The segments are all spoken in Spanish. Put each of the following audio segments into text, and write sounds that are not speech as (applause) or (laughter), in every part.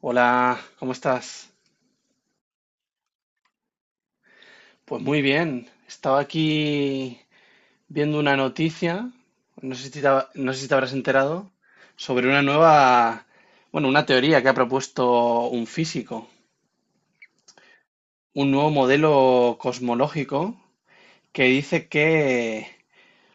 Hola, ¿cómo estás? Pues muy bien. Estaba aquí viendo una noticia, no sé si te, no sé si te habrás enterado, sobre una nueva, bueno, una teoría que ha propuesto un físico, un nuevo modelo cosmológico que dice que,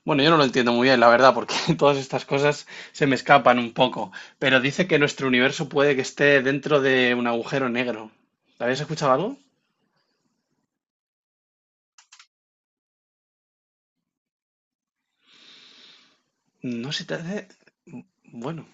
bueno, yo no lo entiendo muy bien, la verdad, porque (laughs) todas estas cosas se me escapan un poco, pero dice que nuestro universo puede que esté dentro de un agujero negro. ¿Habías escuchado algo? No sé si te hace... Bueno.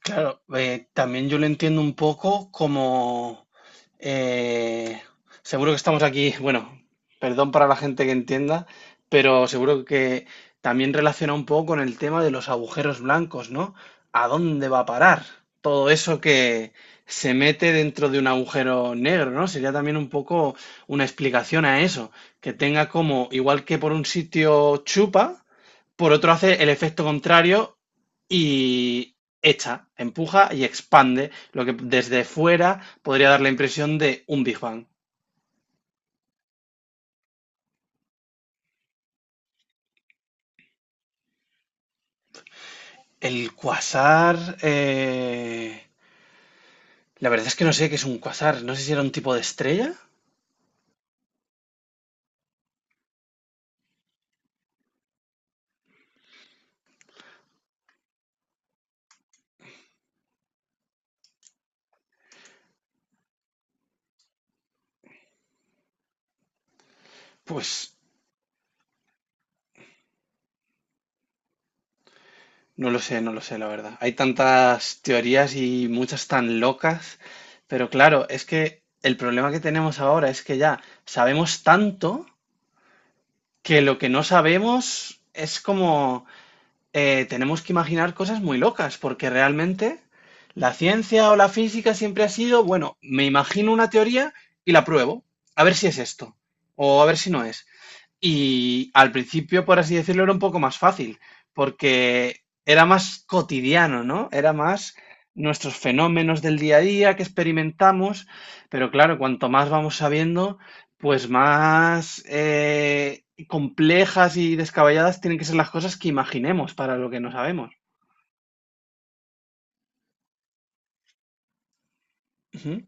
Claro, también yo lo entiendo un poco como... eh, seguro que estamos aquí, bueno, perdón para la gente que entienda, pero seguro que también relaciona un poco con el tema de los agujeros blancos, ¿no? ¿A dónde va a parar todo eso que se mete dentro de un agujero negro, ¿no? Sería también un poco una explicación a eso, que tenga como, igual que por un sitio chupa, por otro hace el efecto contrario. Y ésta empuja y expande lo que desde fuera podría dar la impresión de un Big Bang. El cuasar... la verdad es que no sé qué es un cuasar. No sé si era un tipo de estrella. Pues no lo sé, no lo sé, la verdad. Hay tantas teorías y muchas tan locas. Pero claro, es que el problema que tenemos ahora es que ya sabemos tanto que lo que no sabemos es como... tenemos que imaginar cosas muy locas, porque realmente la ciencia o la física siempre ha sido, bueno, me imagino una teoría y la pruebo, a ver si es esto, o a ver si no es. Y al principio, por así decirlo, era un poco más fácil, porque era más cotidiano, ¿no? Era más nuestros fenómenos del día a día que experimentamos, pero claro, cuanto más vamos sabiendo, pues más complejas y descabelladas tienen que ser las cosas que imaginemos para lo que no sabemos. Ujú,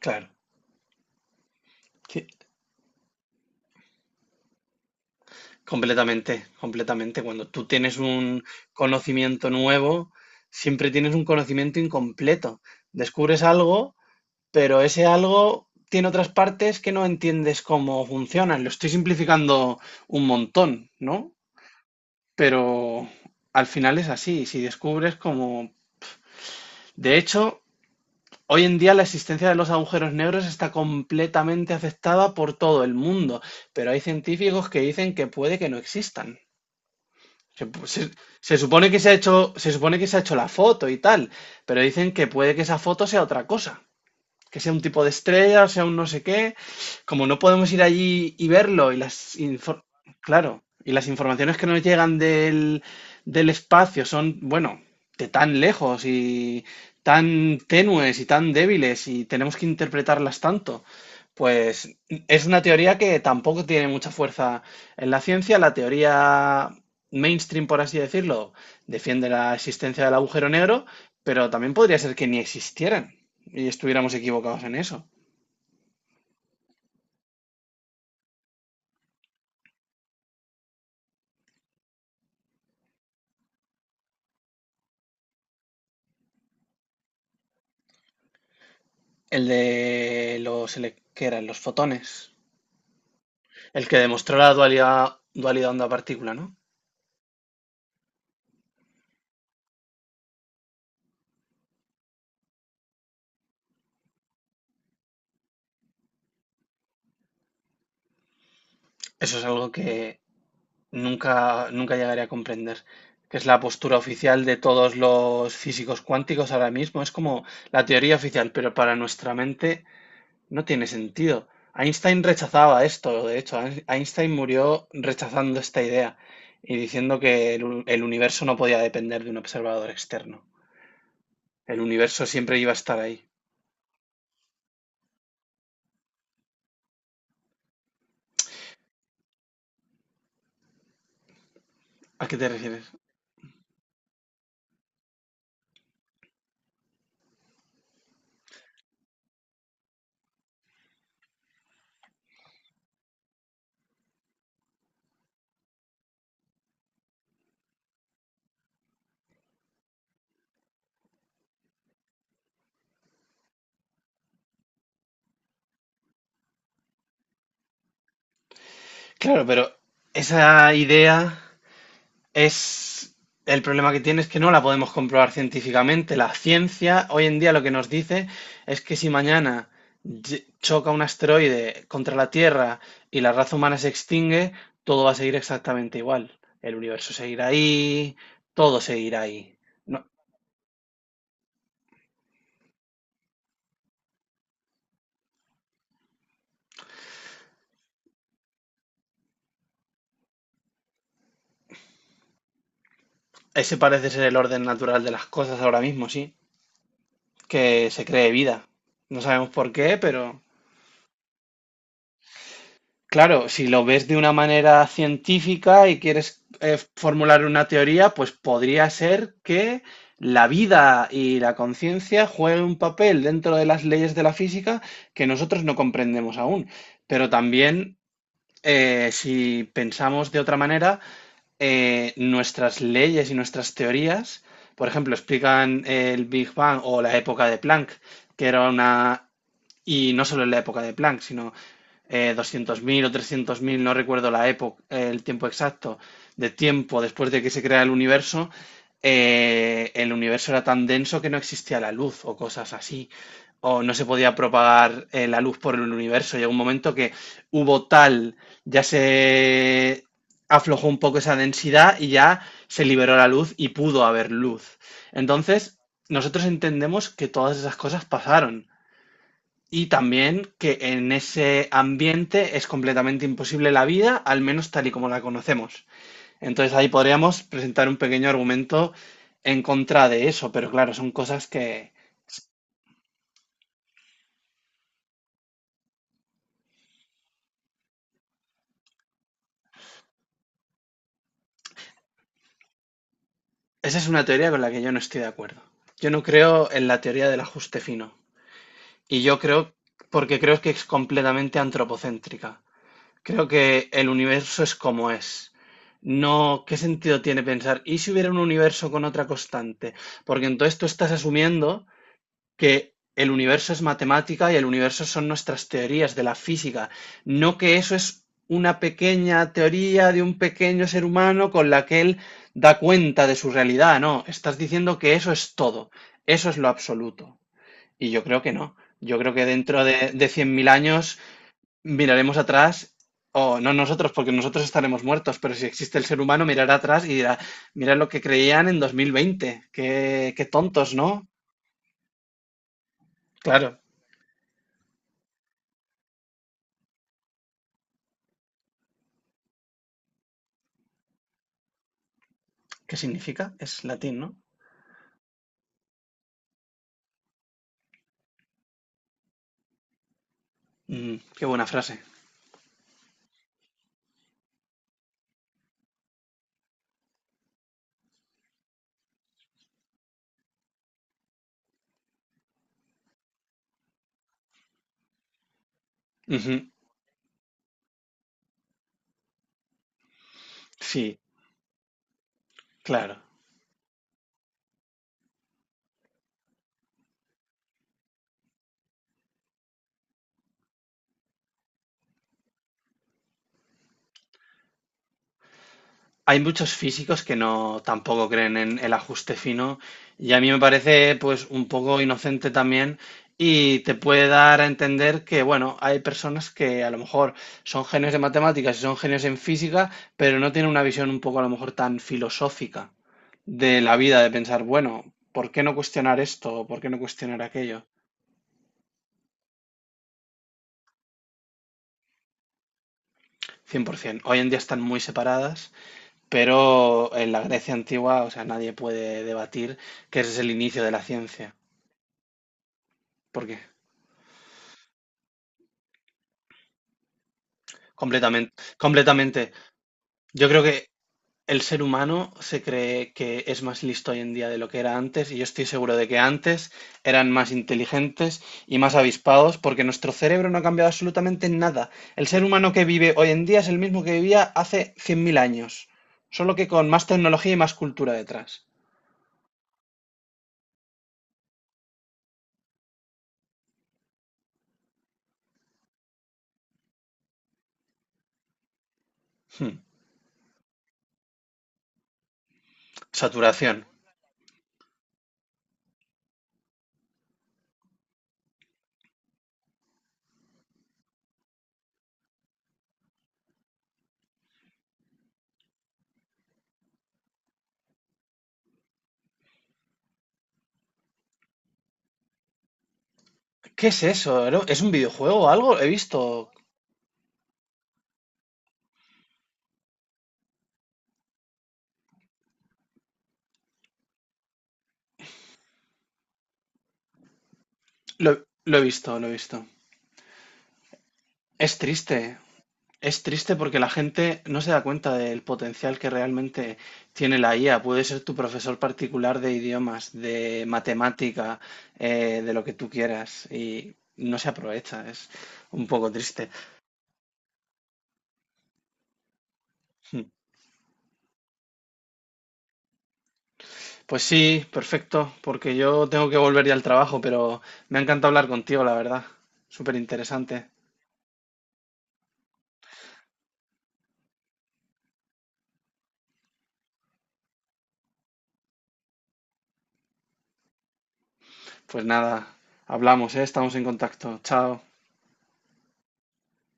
claro, sí, completamente, completamente. Cuando tú tienes un conocimiento nuevo, siempre tienes un conocimiento incompleto. Descubres algo, pero ese algo tiene otras partes que no entiendes cómo funcionan. Lo estoy simplificando un montón, ¿no? Pero al final es así, si descubres cómo. De hecho, hoy en día la existencia de los agujeros negros está completamente aceptada por todo el mundo, pero hay científicos que dicen que puede que no existan. Se, se- Se supone que se ha hecho, se supone que se ha hecho la foto y tal, pero dicen que puede que esa foto sea otra cosa, que sea un tipo de estrella, o sea un no sé qué, como no podemos ir allí y verlo, y las claro, y las informaciones que nos llegan del, del espacio son, bueno, de tan lejos y tan tenues y tan débiles, y tenemos que interpretarlas tanto. Pues es una teoría que tampoco tiene mucha fuerza en la ciencia. La teoría mainstream, por así decirlo, defiende la existencia del agujero negro, pero también podría ser que ni existieran y estuviéramos equivocados en eso. El de los, que eran los fotones. El que demostró la dualidad, dualidad onda-partícula, ¿no? Eso es algo que nunca, nunca llegaré a comprender, que es la postura oficial de todos los físicos cuánticos ahora mismo. Es como la teoría oficial, pero para nuestra mente no tiene sentido. Einstein rechazaba esto, de hecho. Einstein murió rechazando esta idea y diciendo que el universo no podía depender de un observador externo. El universo siempre iba a estar ahí. ¿A qué te refieres? Claro, pero esa idea es... El problema que tiene es que no la podemos comprobar científicamente. La ciencia hoy en día lo que nos dice es que si mañana choca un asteroide contra la Tierra y la raza humana se extingue, todo va a seguir exactamente igual. El universo seguirá ahí, todo seguirá ahí. No, ese parece ser el orden natural de las cosas ahora mismo, sí, que se cree vida. No sabemos por qué, pero claro, si lo ves de una manera científica y quieres formular una teoría, pues podría ser que la vida y la conciencia jueguen un papel dentro de las leyes de la física que nosotros no comprendemos aún. Pero también, si pensamos de otra manera, nuestras leyes y nuestras teorías, por ejemplo, explican el Big Bang o la época de Planck, que era una... Y no solo en la época de Planck, sino 200.000 o 300.000, no recuerdo la época, el tiempo exacto, de tiempo después de que se crea el universo era tan denso que no existía la luz o cosas así, o no se podía propagar la luz por el universo. Llegó un momento que hubo tal, ya se aflojó un poco esa densidad y ya se liberó la luz y pudo haber luz. Entonces, nosotros entendemos que todas esas cosas pasaron y también que en ese ambiente es completamente imposible la vida, al menos tal y como la conocemos. Entonces ahí podríamos presentar un pequeño argumento en contra de eso, pero claro, son cosas que... Esa es una teoría con la que yo no estoy de acuerdo. Yo no creo en la teoría del ajuste fino. Y yo creo, porque creo que es completamente antropocéntrica. Creo que el universo es como es. No, ¿qué sentido tiene pensar? ¿Y si hubiera un universo con otra constante? Porque entonces tú estás asumiendo que el universo es matemática y el universo son nuestras teorías de la física, no que eso es una pequeña teoría de un pequeño ser humano con la que él da cuenta de su realidad, no, estás diciendo que eso es todo, eso es lo absoluto. Y yo creo que no, yo creo que dentro de 100.000 años miraremos atrás, o no nosotros, porque nosotros estaremos muertos, pero si existe el ser humano mirará atrás y dirá, mira lo que creían en 2020, qué, qué tontos, ¿no? Claro. ¿Qué significa? Es latín, ¿no? Mm, qué buena frase. Ujú. Sí, claro. Hay muchos físicos que no tampoco creen en el ajuste fino y a mí me parece pues un poco inocente también, y te puede dar a entender que bueno, hay personas que a lo mejor son genios de matemáticas y son genios en física, pero no tienen una visión un poco a lo mejor tan filosófica de la vida, de pensar, bueno, ¿por qué no cuestionar esto? ¿Por qué no cuestionar aquello? 100%. Hoy en día están muy separadas. Pero en la Grecia antigua, o sea, nadie puede debatir que ese es el inicio de la ciencia, porque completamente, completamente. Yo creo que el ser humano se cree que es más listo hoy en día de lo que era antes, y yo estoy seguro de que antes eran más inteligentes y más avispados, porque nuestro cerebro no ha cambiado absolutamente nada. El ser humano que vive hoy en día es el mismo que vivía hace 100.000 años, solo que con más tecnología y más cultura detrás. Hmm. Saturación. ¿Qué es eso? ¿No? ¿Es un videojuego o algo? He visto. Lo he visto, lo he visto. Es triste. Es triste porque la gente no se da cuenta del potencial que realmente tiene la IA. Puede ser tu profesor particular de idiomas, de matemática, de lo que tú quieras. Y no se aprovecha. Es un poco triste. (laughs) Hmm. Pues sí, perfecto, porque yo tengo que volver ya al trabajo, pero me ha encantado hablar contigo, la verdad. Súper interesante. Pues nada, hablamos, ¿eh? Estamos en contacto. Chao.